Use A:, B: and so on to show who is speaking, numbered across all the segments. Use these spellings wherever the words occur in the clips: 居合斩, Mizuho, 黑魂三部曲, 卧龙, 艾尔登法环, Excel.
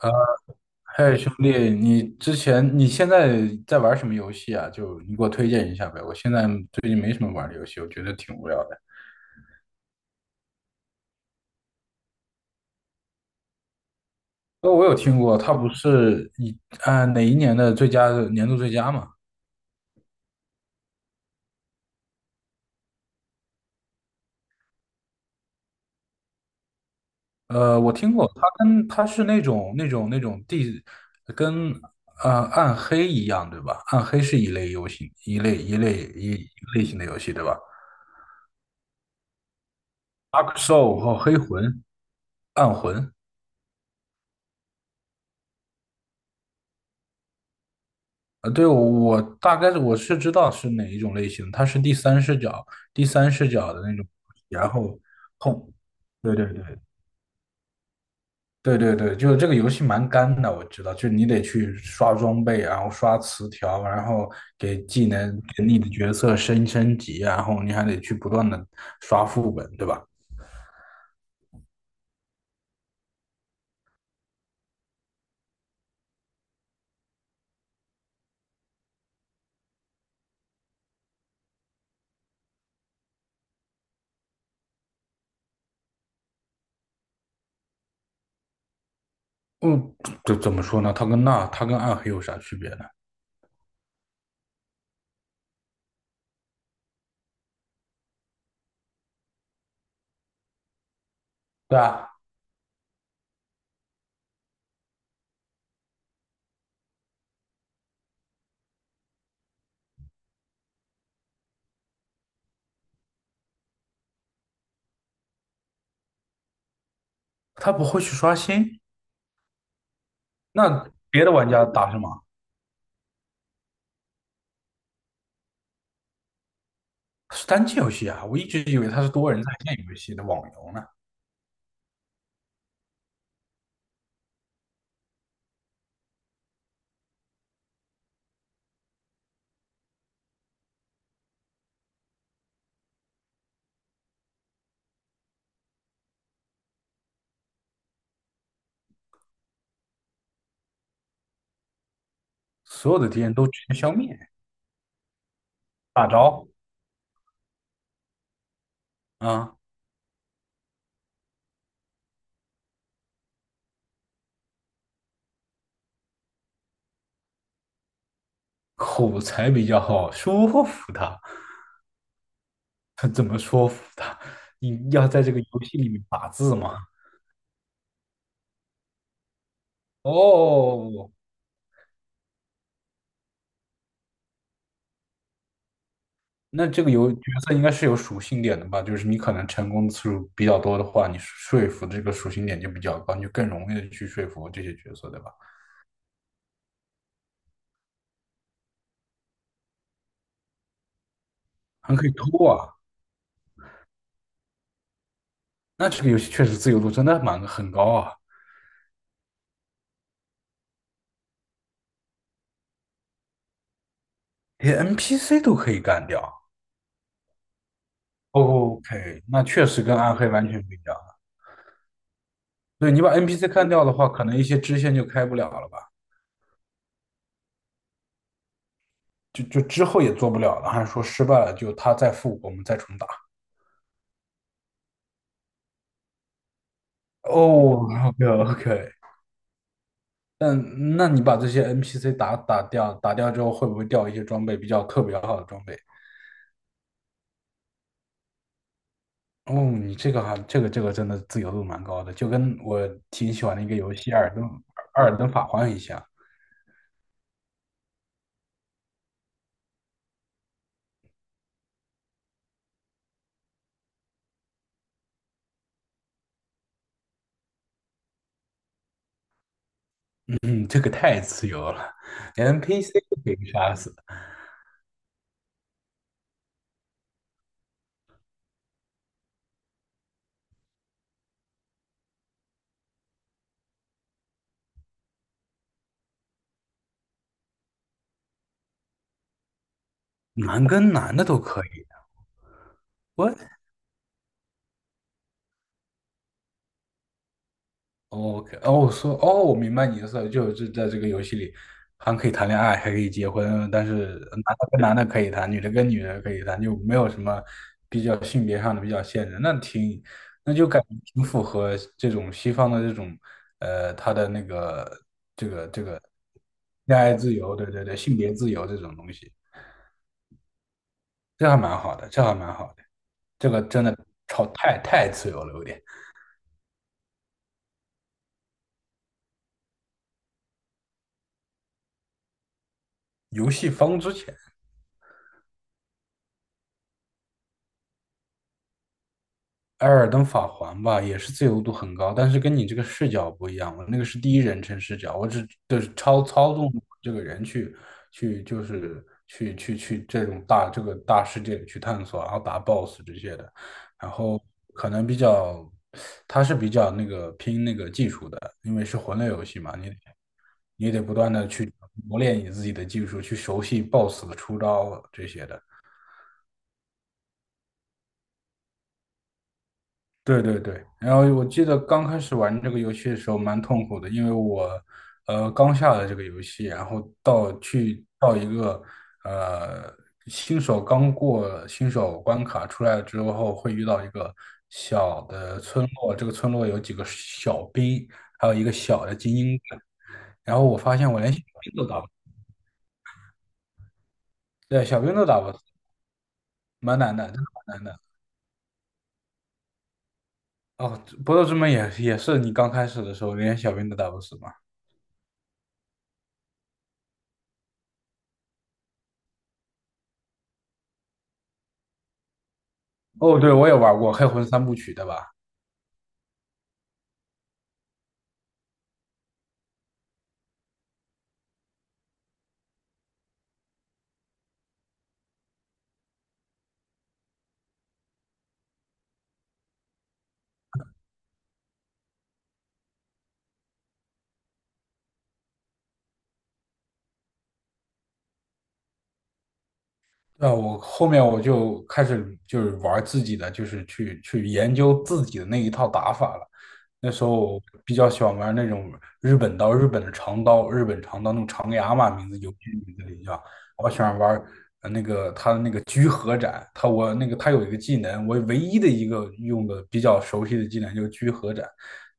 A: 呃，嘿，兄弟，你之前你现在在玩什么游戏啊？就你给我推荐一下呗。我现在最近没什么玩的游戏，我觉得挺无聊的。我有听过，它不是啊，哪一年的最佳嘛？我听过，它是那种地跟暗黑一样，对吧？暗黑是一类游戏，一个类型的游戏，对吧。阿克 r 和黑魂、暗魂。啊，对，我大概我知道是哪一种类型，它是第三视角，第三视角的那种，然后碰，对对对对对对，就是这个游戏蛮干的，我知道，就是你得去刷装备，然后刷词条，然后给技能给你的角色升级，然后你还得去不断的刷副本，对吧？嗯，这怎么说呢？它跟暗黑有啥区别呢？对啊，他不会去刷新，那别的玩家打什么？是单机游戏啊，我一直以为它是多人在线游戏的网游呢。所有的敌人都全消灭，大招啊，口才比较好，说服他。他怎么说服他？你要在这个游戏里面打字吗？哦，那这个角色应该是有属性点的吧？就是你可能成功次数比较多的话，你说服这个属性点就比较高，你就更容易的去说服这些角色，对吧？还可以偷啊，那这个游戏确实自由度真的很高啊，连 NPC 都可以干掉。OK，那确实跟暗黑完全不一样。对，你把 NPC 干掉的话，可能一些支线就开不了了吧？就之后也做不了了，还是说失败了就他再复活，我们再重打？哦，OK OK。但那你把这些 NPC 打掉，打掉之后会不会掉一些装备比较特别好的装备？哦，你这个还这个这个真的自由度蛮高的，就跟我挺喜欢的一个游戏《艾尔登法环》一样。嗯，这个太自由了，连 NPC 都可以杀死。男跟男的都可以。我 OK 哦，我说哦，我明白你的意思了，就是在这个游戏里还可以谈恋爱，还可以结婚，但是男的跟男的可以谈，女的跟女的可以谈，就没有什么比较性别上的比较限制。那就感觉挺符合这种西方的这种他的那个恋爱自由，对对对，性别自由这种东西，这还蛮好的，这还蛮好的，这个真的超太自由了，有点游戏方之前。艾尔登法环吧，也是自由度很高，但是跟你这个视角不一样。我那个是第一人称视角，我只就是操纵这个人去去就是去去去这个大世界里去探索，然后打 BOSS 这些的。然后可能比较，它是比较那个拼那个技术的，因为是魂类游戏嘛，你得不断的去磨练你自己的技术，去熟悉 BOSS 的出招这些的。对对对，然后我记得刚开始玩这个游戏的时候蛮痛苦的，因为我刚下了这个游戏，然后到一个呃新手刚过新手关卡出来之后，会遇到一个小的村落，这个村落有几个小兵，还有一个小的精英，然后我发现我连小兵都打不，对，小兵都打不死，蛮难的，真的蛮难的。哦，不斗之门也是你刚开始的时候连小兵都打不死吗？哦，对，我也玩过《黑魂三部曲》，对吧？那我后面就开始就是玩自己的，就是去研究自己的那一套打法了。那时候我比较喜欢玩那种日本刀，日本的长刀，日本长刀那种长牙嘛，名字游戏名字里叫。我喜欢玩那个他的那个居合斩，他有一个技能，我唯一的一个用的比较熟悉的技能就是居合斩，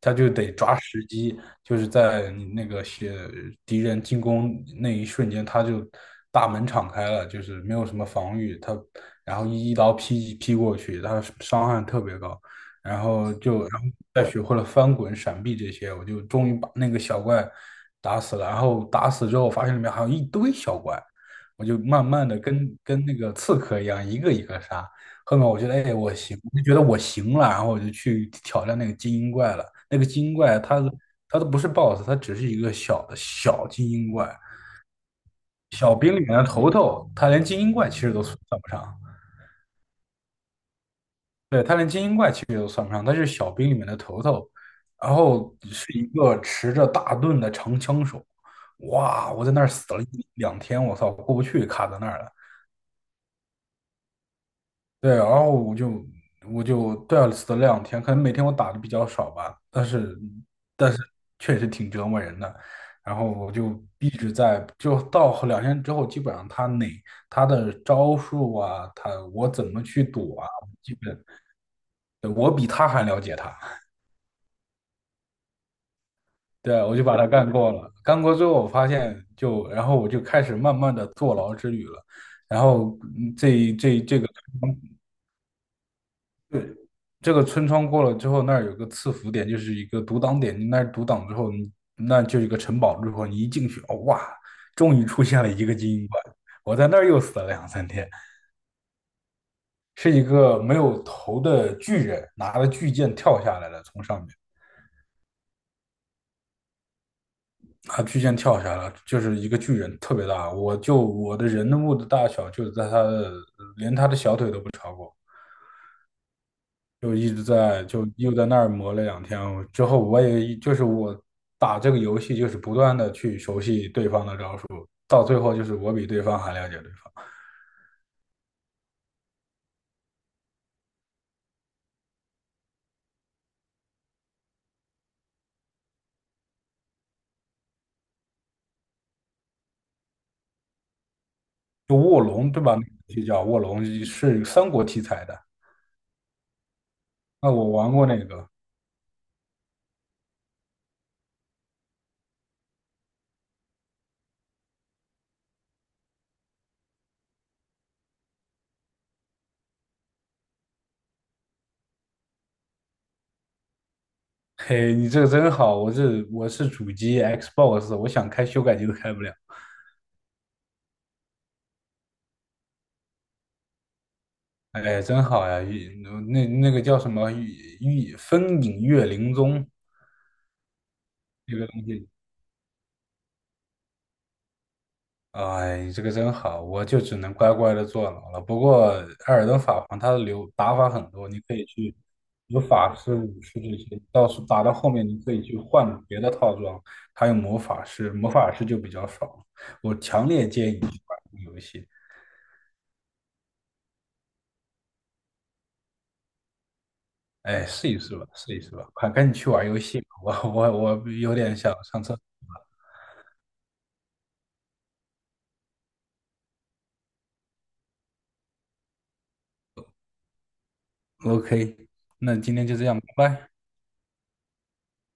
A: 他就得抓时机，就是在你那个些敌人进攻那一瞬间，他就大门敞开了，就是没有什么防御，他然后一刀劈过去，他伤害特别高。然后就然后再学会了翻滚、闪避这些，我就终于把那个小怪打死了。然后打死之后，发现里面还有一堆小怪，我就慢慢的跟那个刺客一样，一个一个杀。后面我觉得，哎，我行，我就觉得我行了，然后我就去挑战那个精英怪了。那个精英怪它都不是 BOSS，它只是一个小精英怪，小兵里面的头头，他连精英怪其实都算不上。对，他连精英怪其实都算不上，他是小兵里面的头头，然后是一个持着大盾的长枪手。哇，我在那儿死了一两天，我操，过不去，卡在那儿了。对，然后我就对啊死了两天，可能每天我打的比较少吧，但是但是确实挺折磨人的。然后我就一直在，就到后两天之后，基本上他的招数啊，我怎么去躲啊，基本对我比他还了解他。对，我就把它干过了。干过之后，我发现就，然后我就开始慢慢的坐牢之旅了。然后这个村庄过了之后，那儿有个赐福点，就是一个独挡点。你那儿独挡之后，你那就是一个城堡。之后你一进去，哦哇，终于出现了一个精英怪，我在那儿又死了两三天，是一个没有头的巨人拿着巨剑跳下来了，从上面。他巨剑跳下来，就是一个巨人，特别大。我的人物的大小，就在他的，连他的小腿都不超过，就一直在就又在那儿磨了两天。之后我也就是我打这个游戏，就是不断的去熟悉对方的招数，到最后就是我比对方还了解对方。就卧龙对吧？就叫卧龙，是三国题材的。那我玩过那个，嘿，你这个真好。我是主机 Xbox，我想开修改机都开不了。哎，真好呀！那个叫什么玉风影月灵踪这个东西，哎，这个真好，我就只能乖乖的坐牢了。不过艾尔登法环它的流打法很多，你可以有法师、武士这些，到时打到后面你可以去换别的套装，还有魔法师，魔法师就比较爽。我强烈建议你去玩这个游戏，哎，试一试吧，试一试吧，快赶紧去玩游戏吧。我有点想上厕所。OK，那今天就这样，拜拜。